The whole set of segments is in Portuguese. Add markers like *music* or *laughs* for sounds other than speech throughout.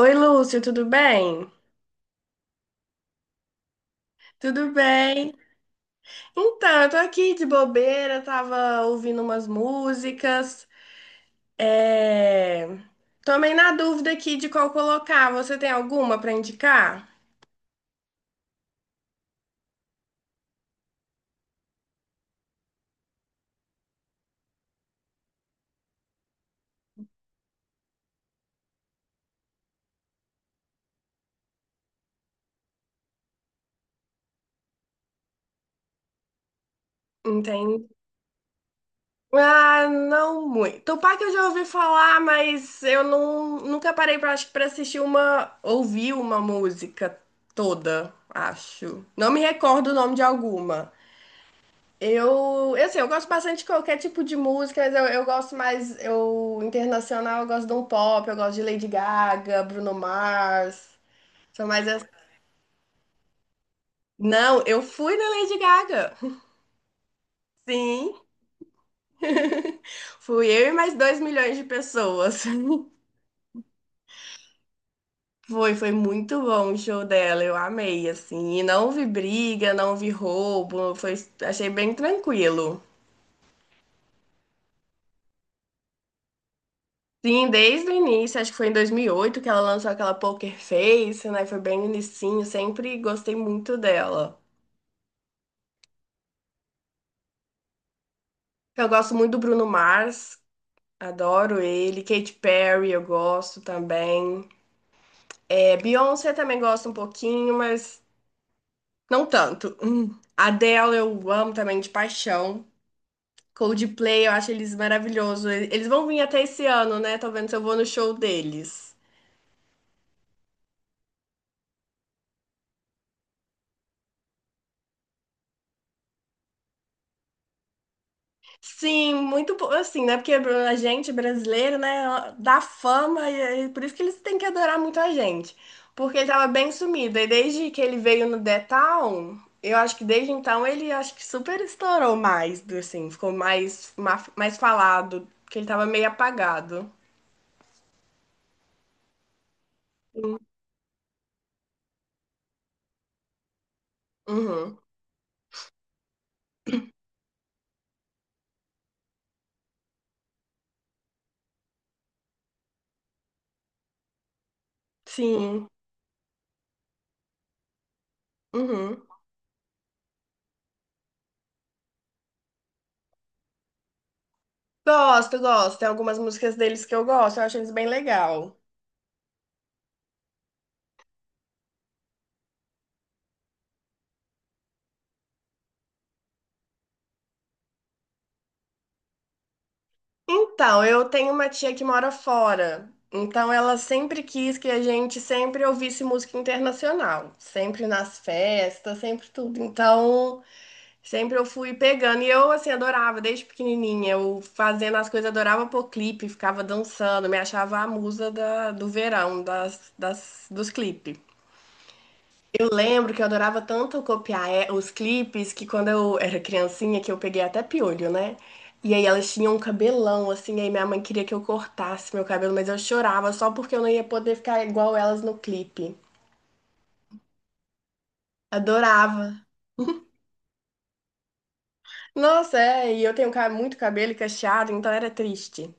Oi, Lúcio, tudo bem? Tudo bem? Então, eu tô aqui de bobeira, tava ouvindo umas músicas. É... Tomei na dúvida aqui de qual colocar. Você tem alguma pra indicar? Entendi. Ah, não muito. Tupac eu já ouvi falar, mas eu não, nunca parei pra, acho que pra assistir uma, ouvir uma música toda, acho. Não me recordo o nome de alguma. Assim, eu gosto bastante de qualquer tipo de música, mas eu gosto mais, eu, internacional, eu gosto de um pop, eu gosto de Lady Gaga, Bruno Mars, são mais as... Não, eu fui na Lady Gaga, sim, fui eu e mais 2 milhões de pessoas. *laughs* Foi, foi muito bom o show dela, eu amei, assim, e não vi briga, não vi roubo, foi, achei bem tranquilo. Sim, desde o início, acho que foi em 2008 que ela lançou aquela Poker Face, né? Foi bem no inicinho, sempre gostei muito dela. Eu gosto muito do Bruno Mars, adoro ele. Katy Perry eu gosto também. É, Beyoncé também gosto um pouquinho, mas não tanto. *clears throat* Hum. Adele eu amo também de paixão. Coldplay eu acho eles maravilhosos. Eles vão vir até esse ano, né? Tô vendo se eu vou no show deles. Sim, muito po- assim, né? Porque a gente brasileiro, né, dá fama e por isso que eles têm que adorar muito a gente. Porque ele tava bem sumido. E desde que ele veio no The Town, eu acho que desde então ele acho que super estourou mais, do- assim, ficou mais, ma- mais falado, porque ele tava meio apagado. Sim. Uhum. Sim. Uhum. Gosto, gosto. Tem algumas músicas deles que eu gosto, eu acho eles bem legal. Então, eu tenho uma tia que mora fora. Então, ela sempre quis que a gente sempre ouvisse música internacional, sempre nas festas, sempre tudo. Então, sempre eu fui pegando. E eu, assim, adorava, desde pequenininha. Eu fazendo as coisas, adorava pôr clipe, ficava dançando, me achava a musa da- do verão, dos clipes. Eu lembro que eu adorava tanto copiar é, os clipes que quando eu era criancinha, que eu peguei até piolho, né? E aí elas tinham um cabelão, assim, aí minha mãe queria que eu cortasse meu cabelo, mas eu chorava só porque eu não ia poder ficar igual elas no clipe. Adorava. Nossa, é, e eu tenho ca- muito cabelo cacheado, então era triste.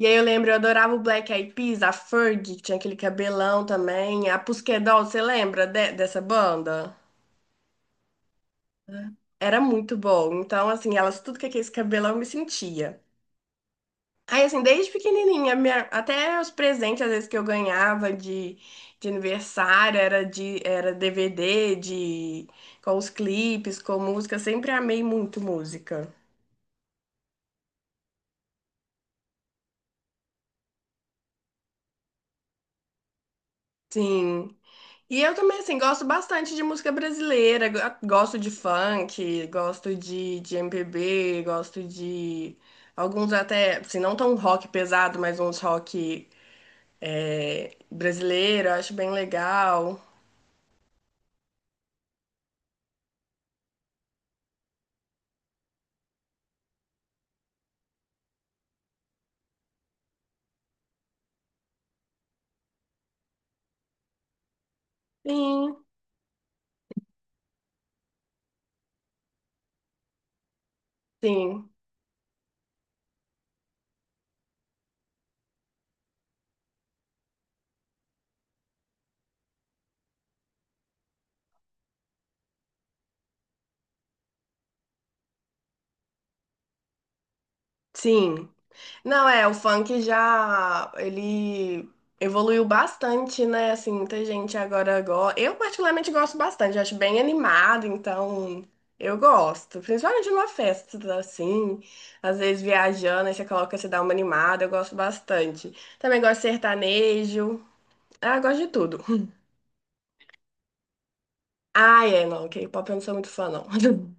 E aí eu lembro, eu adorava o Black Eyed Peas, a Fergie, que tinha aquele cabelão também, a Pusquedol, você lembra de- dessa banda? Era muito bom. Então, assim, elas tudo que aquele cabelão eu me sentia. Aí, assim, desde pequenininha, minha- até os presentes, às vezes, que eu ganhava de aniversário, era DVD de, com os clipes, com música, sempre amei muito música. Sim. E eu também, assim, gosto bastante de música brasileira, go- gosto de funk, gosto de MPB, gosto de alguns até, assim, não tão rock pesado, mas uns rock é, brasileiro, eu acho bem legal. Sim, sim, sim. Não, é, o funk já, ele evoluiu bastante, né? Assim, muita gente agora gosta. Eu particularmente gosto bastante, acho bem animado, então eu gosto. Principalmente numa festa, assim, às vezes viajando, aí você coloca, você dá uma animada, eu gosto bastante. Também gosto de sertanejo, ah, eu gosto de tudo. Ah, é, não, K-pop eu não sou muito fã, não. *laughs*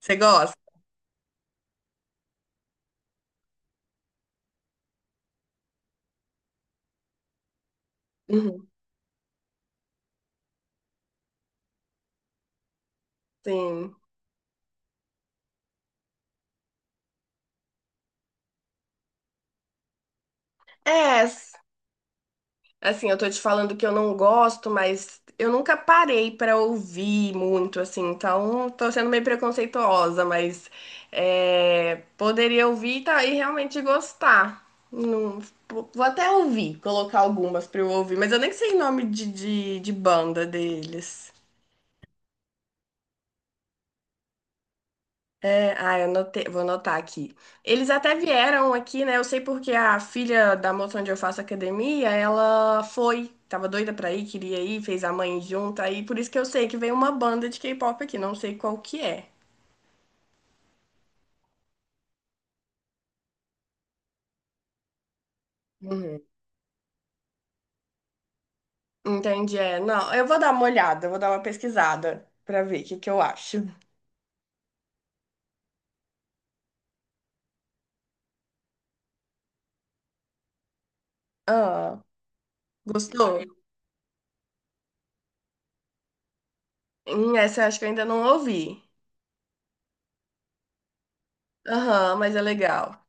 Você gosta? Uhum. Sim. É, assim, eu tô te falando que eu não gosto, mas eu nunca parei pra ouvir muito, assim, então tô sendo meio preconceituosa, mas é, poderia ouvir e tá, e realmente gostar. Não- vou até ouvir, colocar algumas pra eu ouvir, mas eu nem sei nome de banda deles. É, ah, eu anotei- vou anotar aqui. Eles até vieram aqui, né? Eu sei porque a filha da moça onde eu faço academia, ela foi, tava doida pra ir, queria ir, fez a mãe junto, aí por isso que eu sei que veio uma banda de K-pop aqui, não sei qual que é. Uhum. Entendi, é. Não, eu vou dar uma olhada, eu vou dar uma pesquisada pra ver o que que eu acho. Ah, gostou? Essa eu acho que eu ainda não ouvi. Aham, mas é legal.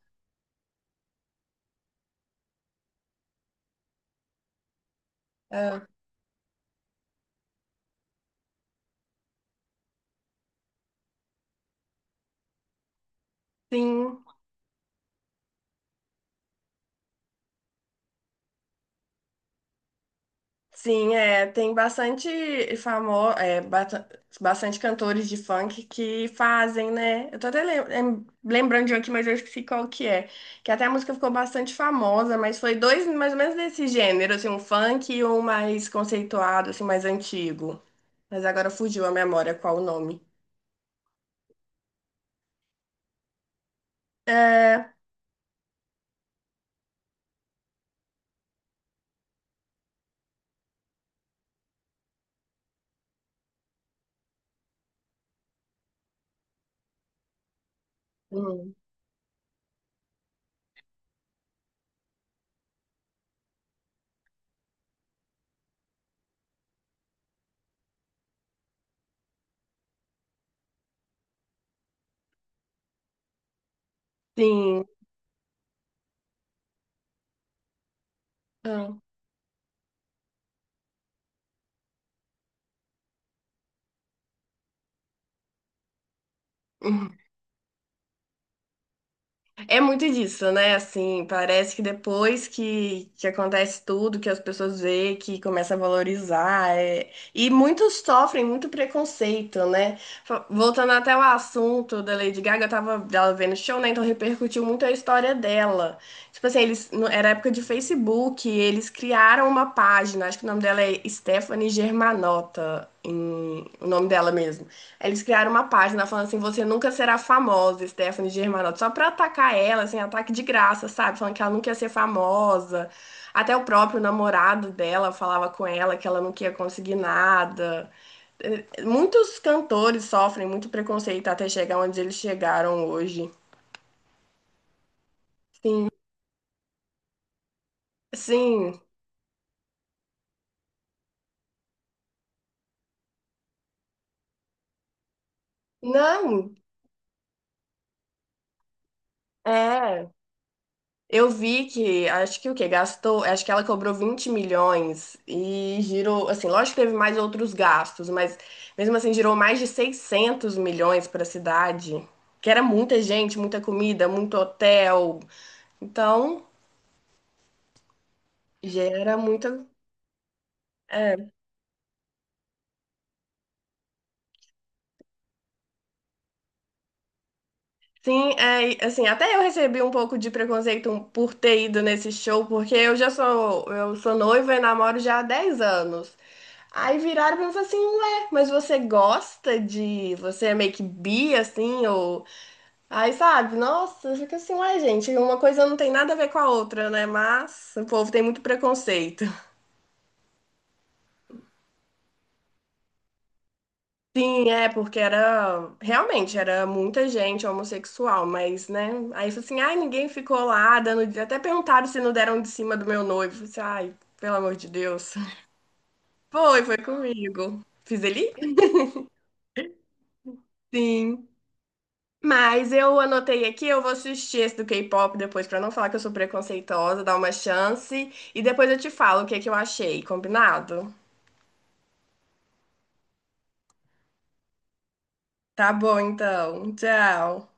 Ah, sim. Sim, é, tem bastante famoso, é, bata- bastante cantores de funk que fazem, né? Eu tô até lembrando de um aqui, mas eu esqueci qual que é. Que até a música ficou bastante famosa, mas foi dois mais ou menos desse gênero, assim, um funk e um mais conceituado, assim, mais antigo. Mas agora fugiu a memória qual o nome. É, hum, sim. Ah. *laughs* É muito disso, né? Assim, parece que depois que acontece tudo, que as pessoas veem, que começa a valorizar. E muitos sofrem muito preconceito, né? Voltando até o assunto da Lady Gaga, eu tava dela vendo show, né? Então repercutiu muito a história dela. Tipo assim, eles, no- era época de Facebook, eles criaram uma página, acho que o nome dela é Stephanie Germanotta, em- o nome dela mesmo. Eles criaram uma página falando assim: você nunca será famosa, Stephanie Germanotta, só pra atacar ela, assim, ataque de graça, sabe? Falando que ela nunca ia ser famosa. Até o próprio namorado dela falava com ela que ela não ia conseguir nada. Muitos cantores sofrem muito preconceito até chegar onde eles chegaram hoje. Sim, sim. Não, é. Eu vi que, acho que o que gastou, acho que ela cobrou 20 milhões e girou, assim, lógico que teve mais outros gastos, mas mesmo assim girou mais de 600 milhões para a cidade, que era muita gente, muita comida, muito hotel. Então, gera muita, é. Sim, é, e, assim, até eu recebi um pouco de preconceito por ter ido nesse show, porque eu já sou, eu sou noiva e namoro já há 10 anos. Aí viraram pra mim e falaram assim, ué, mas você gosta de... Você é meio que bi, assim, ou... Aí, sabe, nossa, fica assim, ué, gente, uma coisa não tem nada a ver com a outra, né? Mas o povo tem muito preconceito. *laughs* Sim, é, porque era... Realmente, era muita gente homossexual, mas, né? Aí, falou assim, ai, ninguém ficou lá dando... Até perguntaram se não deram de cima do meu noivo. Eu falei assim, ai, pelo amor de Deus. *laughs* Foi, foi comigo. Fiz ele? Sim. Mas eu anotei aqui, eu vou assistir esse do K-pop depois, pra não falar que eu sou preconceituosa, dar uma chance. E depois eu te falo o que que eu achei, combinado? Tá bom, então. Tchau.